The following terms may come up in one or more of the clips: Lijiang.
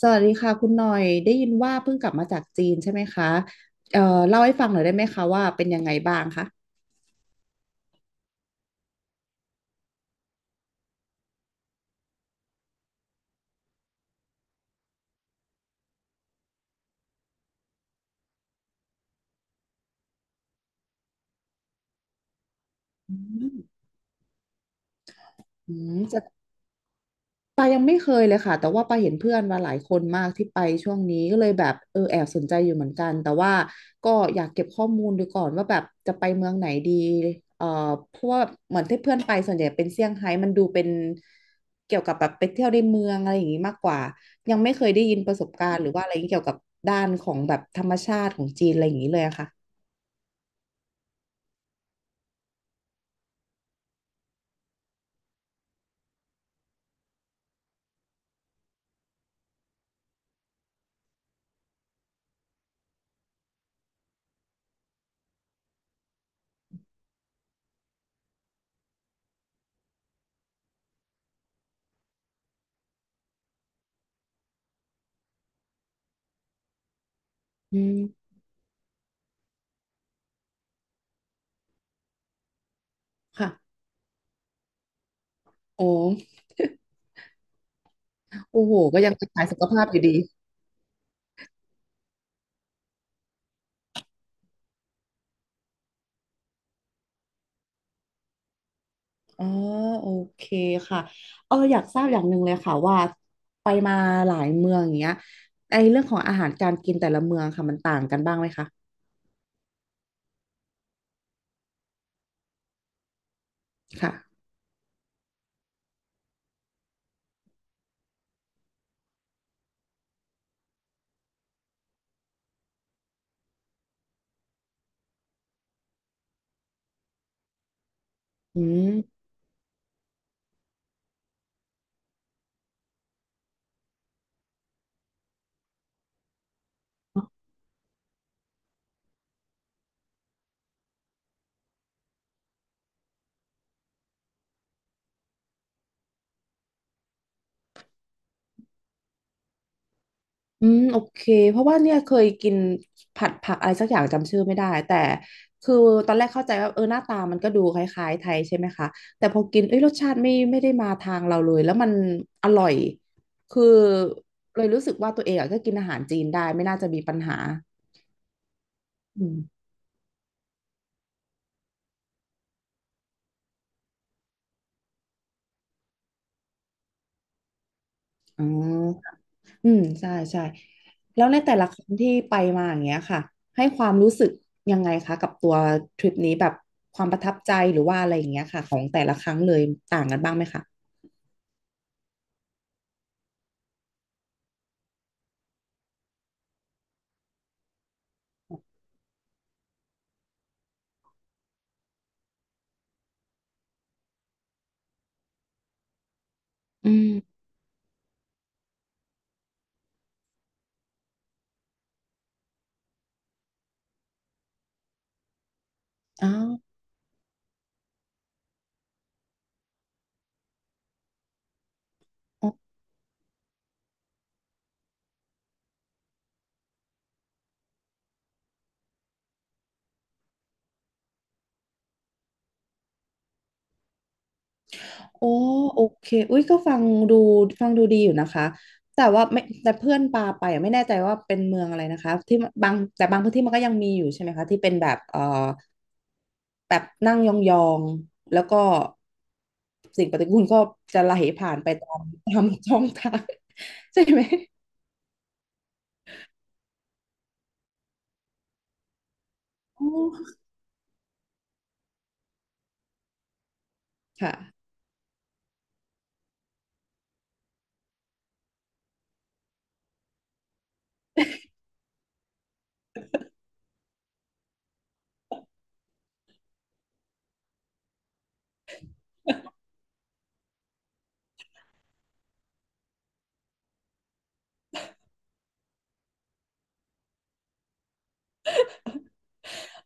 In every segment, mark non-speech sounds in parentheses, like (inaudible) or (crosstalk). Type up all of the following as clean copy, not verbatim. สวัสดีค่ะคุณหน่อยได้ยินว่าเพิ่งกลับมาจากจีนใช่ไหมคะเอ่อเล่าให้ฟังหน่อยได้ไหมคะว่าเป็นยังไงบ้างคะอืมอืมะ ปายังไม่เคยเลยค่ะ แต่ว่าปาเห็นเพื่อนมาหลายคนมากที่ไปช่วงนี้ก็เลยแบบเออแอบสนใจอยู่เหมือนกันแต่ว่าก็อยากเก็บข้อมูลดูก่อนว่าแบบจะไปเมืองไหนดีเอ่อเพราะว่าเหมือนที่เพื่อนไปส่วนใหญ่เป็นเซี่ยงไฮ้มันดูเป็นเกี่ยวกับแบบไปเที่ยวในเมืองอะไรอย่างนี้มากกว่ายังไม่เคยได้ยินประสบการณ์หรือว่าอะไรเกี่ยวกับด้านของแบบธรรมชาติของจีนอะไรอย่างนี้เลยอะค่ะอืมค่ะโอ้โอ้โหก็ยังเป็นสายสุขภาพอยู่ดี อ๋อโอเคค่ะเอออยากทราบอย่างหนึ่งเลยค่ะว่าไปมาหลายเมืองอย่างเงี้ยไอเรื่องของอาหารการกินแต่ละเมืองค่ะมันต่างกันบ้างไหมคะค่ะอืมอืมโอเคเพราะว่าเนี่ยเคยกินผัดผักอะไรสักอย่างจำชื่อไม่ได้แต่คือตอนแรกเข้าใจว่าเออหน้าตามันก็ดูคล้ายๆไทยใช่ไหมคะแต่พอกินเอ้ยรสชาติไม่ได้มาทางเราเลยแล้วมันอร่อยคือเลยรู้สึกว่าตัวเองอะก็กินอาหารจีนได้ไม่น่าจะมีปัญหาอืมอ๋อ อืมใช่ใช่แล้วในแต่ละครั้งที่ไปมาอย่างเงี้ยค่ะให้ความรู้สึกยังไงคะกับตัวทริปนี้แบบความประทับใจหรือว่าอะไรอย่างเงี้ยค่ะของแต่ละครั้งเลยต่างกันบ้างไหมคะอืมอ๋ออ๋อโอ้โอเคอุ้ยก็ดูฟังดูดีอยู่นะคะแต่ว่าไม่แต่เพื่อนปาไปอะไม่แน่ใจว่าเป็นเมืองอะไรนะคะที่บางพื้นที่มันก็ยังมีอยู่ใช่ไหมคะที่เป็นแบบแบบนั่งยองๆแล้วก็สิ่งปฏิกูลก็จะไหลผ่านไปตาม (laughs) ตามช่องทาง (laughs) ใช่ไหมโอค่ะ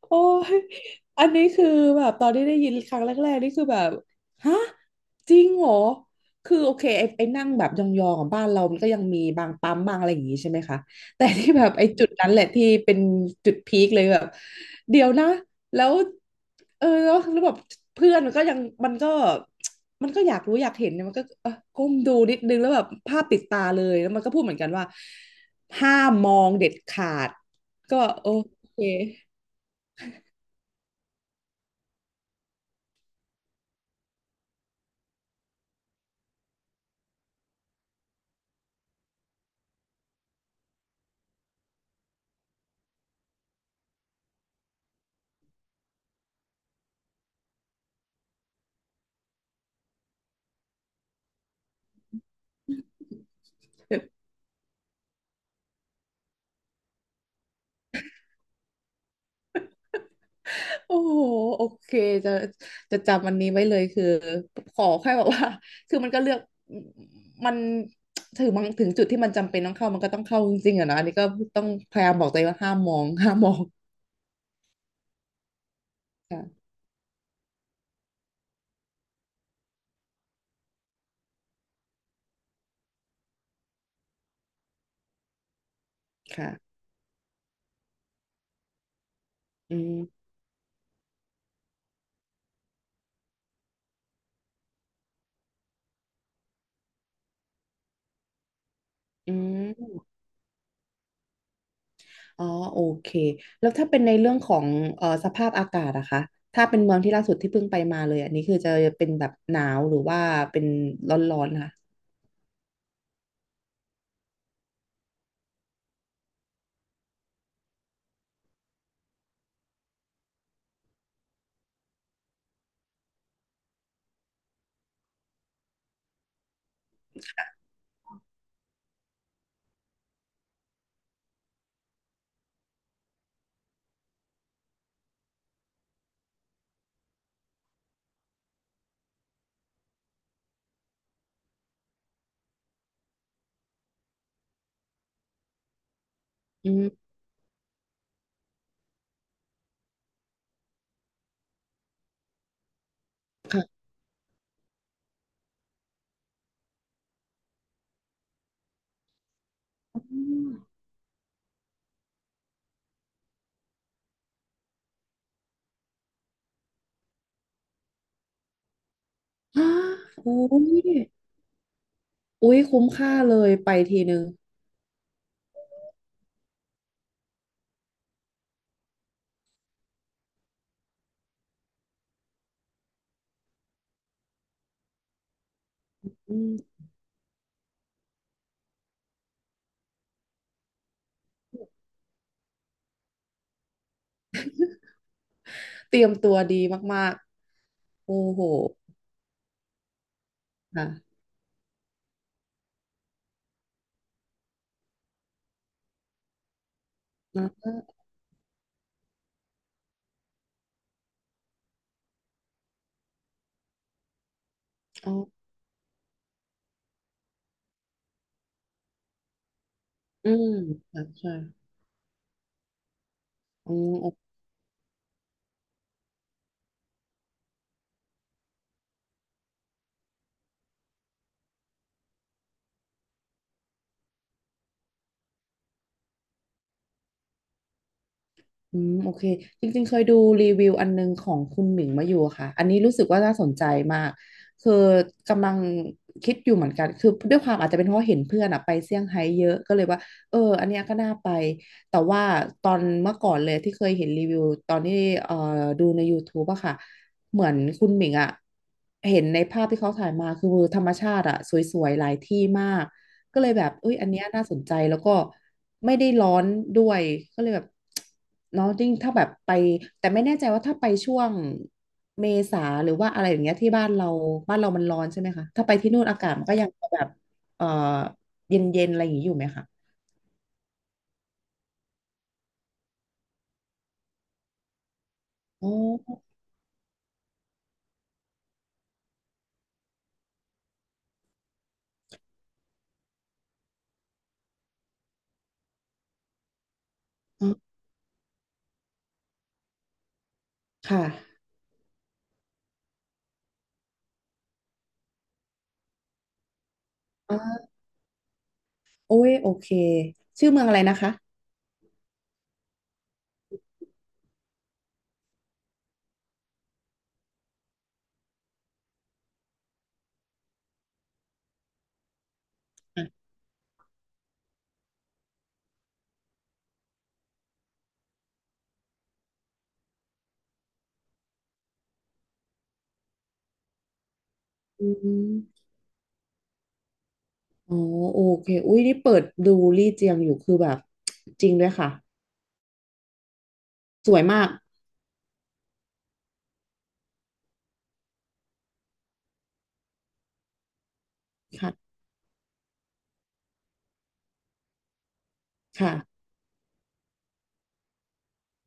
โอ้ย อันนี้คือแบบตอนที่ได้ยินครั้งแรกๆนี่คือแบบฮะจริงเหรอคือโอเคไอ้นั่งแบบยองๆของบ้านเรามันก็ยังมีบางปั๊มบางอะไรอย่างงี้ใช่ไหมคะแต่ที่แบบไอ้จุดนั้นแหละที่เป็นจุดพีคเลยแบบเดี๋ยวนะแล้วเออแล้วแบบเพื่อนมันก็มันก็อยากรู้อยากเห็นเนี่ยมันก็เออก้มดูนิดนึงแล้วแบบภาพติดตาเลยแล้วมันก็พูดเหมือนกันว่าห้ามมองเด็ดขาดก็โอเค โอ้โหโอเคจะจะจำอันนี้ไว้เลยคือขอแค่แบบว่า (laughs) คือมันก็เลือกมันถึงบางถึงจุดที่มันจำเป็นต้องเข้ามันก็ต้องเข้าจริงๆอะนะอันนี้ก็ต้องพยายามบอกตัวเองว่าห้ามมอง (laughs) ห้ามมองค่ะค่ะอืมอืมอ๋อโอเคแล้วถ้าเป็นในเรื่องของสภาพอากาศอะคะถ้าเป็นเมืองที่ล่าสุดที่เพิ่งไปมาเลยอันนี้คือจะเป็นแบบหนาวหรือว่าเป็นร้อนๆค่ะอืมค่ะอ๋อฮะ (gasps) โอ้ย อุ๊ยคุ้มค่าเลยไปทีนึงอืมเตรียมตัวดีมากๆโอ้โหค่ะแล้วก็อ๋ออืมค่ะใช่อ๋อ อืมโอเคจริงๆเคยดูรีวิวอันนึงของคุณหมิงมาอยู่ค่ะอันนี้รู้สึกว่าน่าสนใจมากคือกำลังคิดอยู่เหมือนกันคือด้วยความอาจจะเป็นเพราะเห็นเพื่อนอะไปเซี่ยงไฮ้เยอะก็เลยว่าเอออันเนี้ยก็น่าไปแต่ว่าตอนเมื่อก่อนเลยที่เคยเห็นรีวิวตอนที่เอ่อดูใน YouTube อะค่ะเหมือนคุณหมิงอะเห็นในภาพที่เขาถ่ายมาคือธรรมชาติอะสวยๆหลายที่มาก ก็เลยแบบเอ้ยอันเนี้ยน่าสนใจแล้วก็ไม่ได้ร้อนด้วยก็เลยแบบ (tsk) เนาะยิ่งถ้าแบบไปแต่ไม่แน่ใจว่าถ้าไปช่วงเมษาหรือว่าอะไรอย่างเงี้ยที่บ้านเรามันร้อนใช่ไหมคะถ้าไปที่นู่นอากาศมันก็ยังแบบเอ่อเย็นๆอะไรอย่างนี้อยู่ไหมคะอ๋ออ๋อค่ะอ๋อโอ้ย โอเค ชื่อเมืองอะไรนะคะอ่ะอืมอ๋อโอเคอุ้ยนี่เปิดดูลี่เจียงอยู่คือแบบ (tsk) จริงด้วยค่ะสวยมากค่ะค่ะ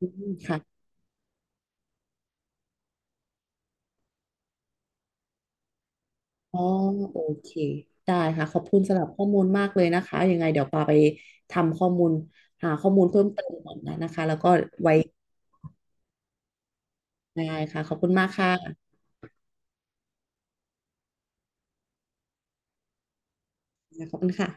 อืมค่ะ อ๋อโอเคได้ค่ะขอบคุณสำหรับข้อมูลมากเลยนะคะยังไงเดี๋ยวปาไปทำข้อมูลหาข้อมูลเพิ่มเติมก่อนนะนะคะแล้วก็ไว้ได้ค่ะขอบคุณมากค่ะขอบคุณค่ะ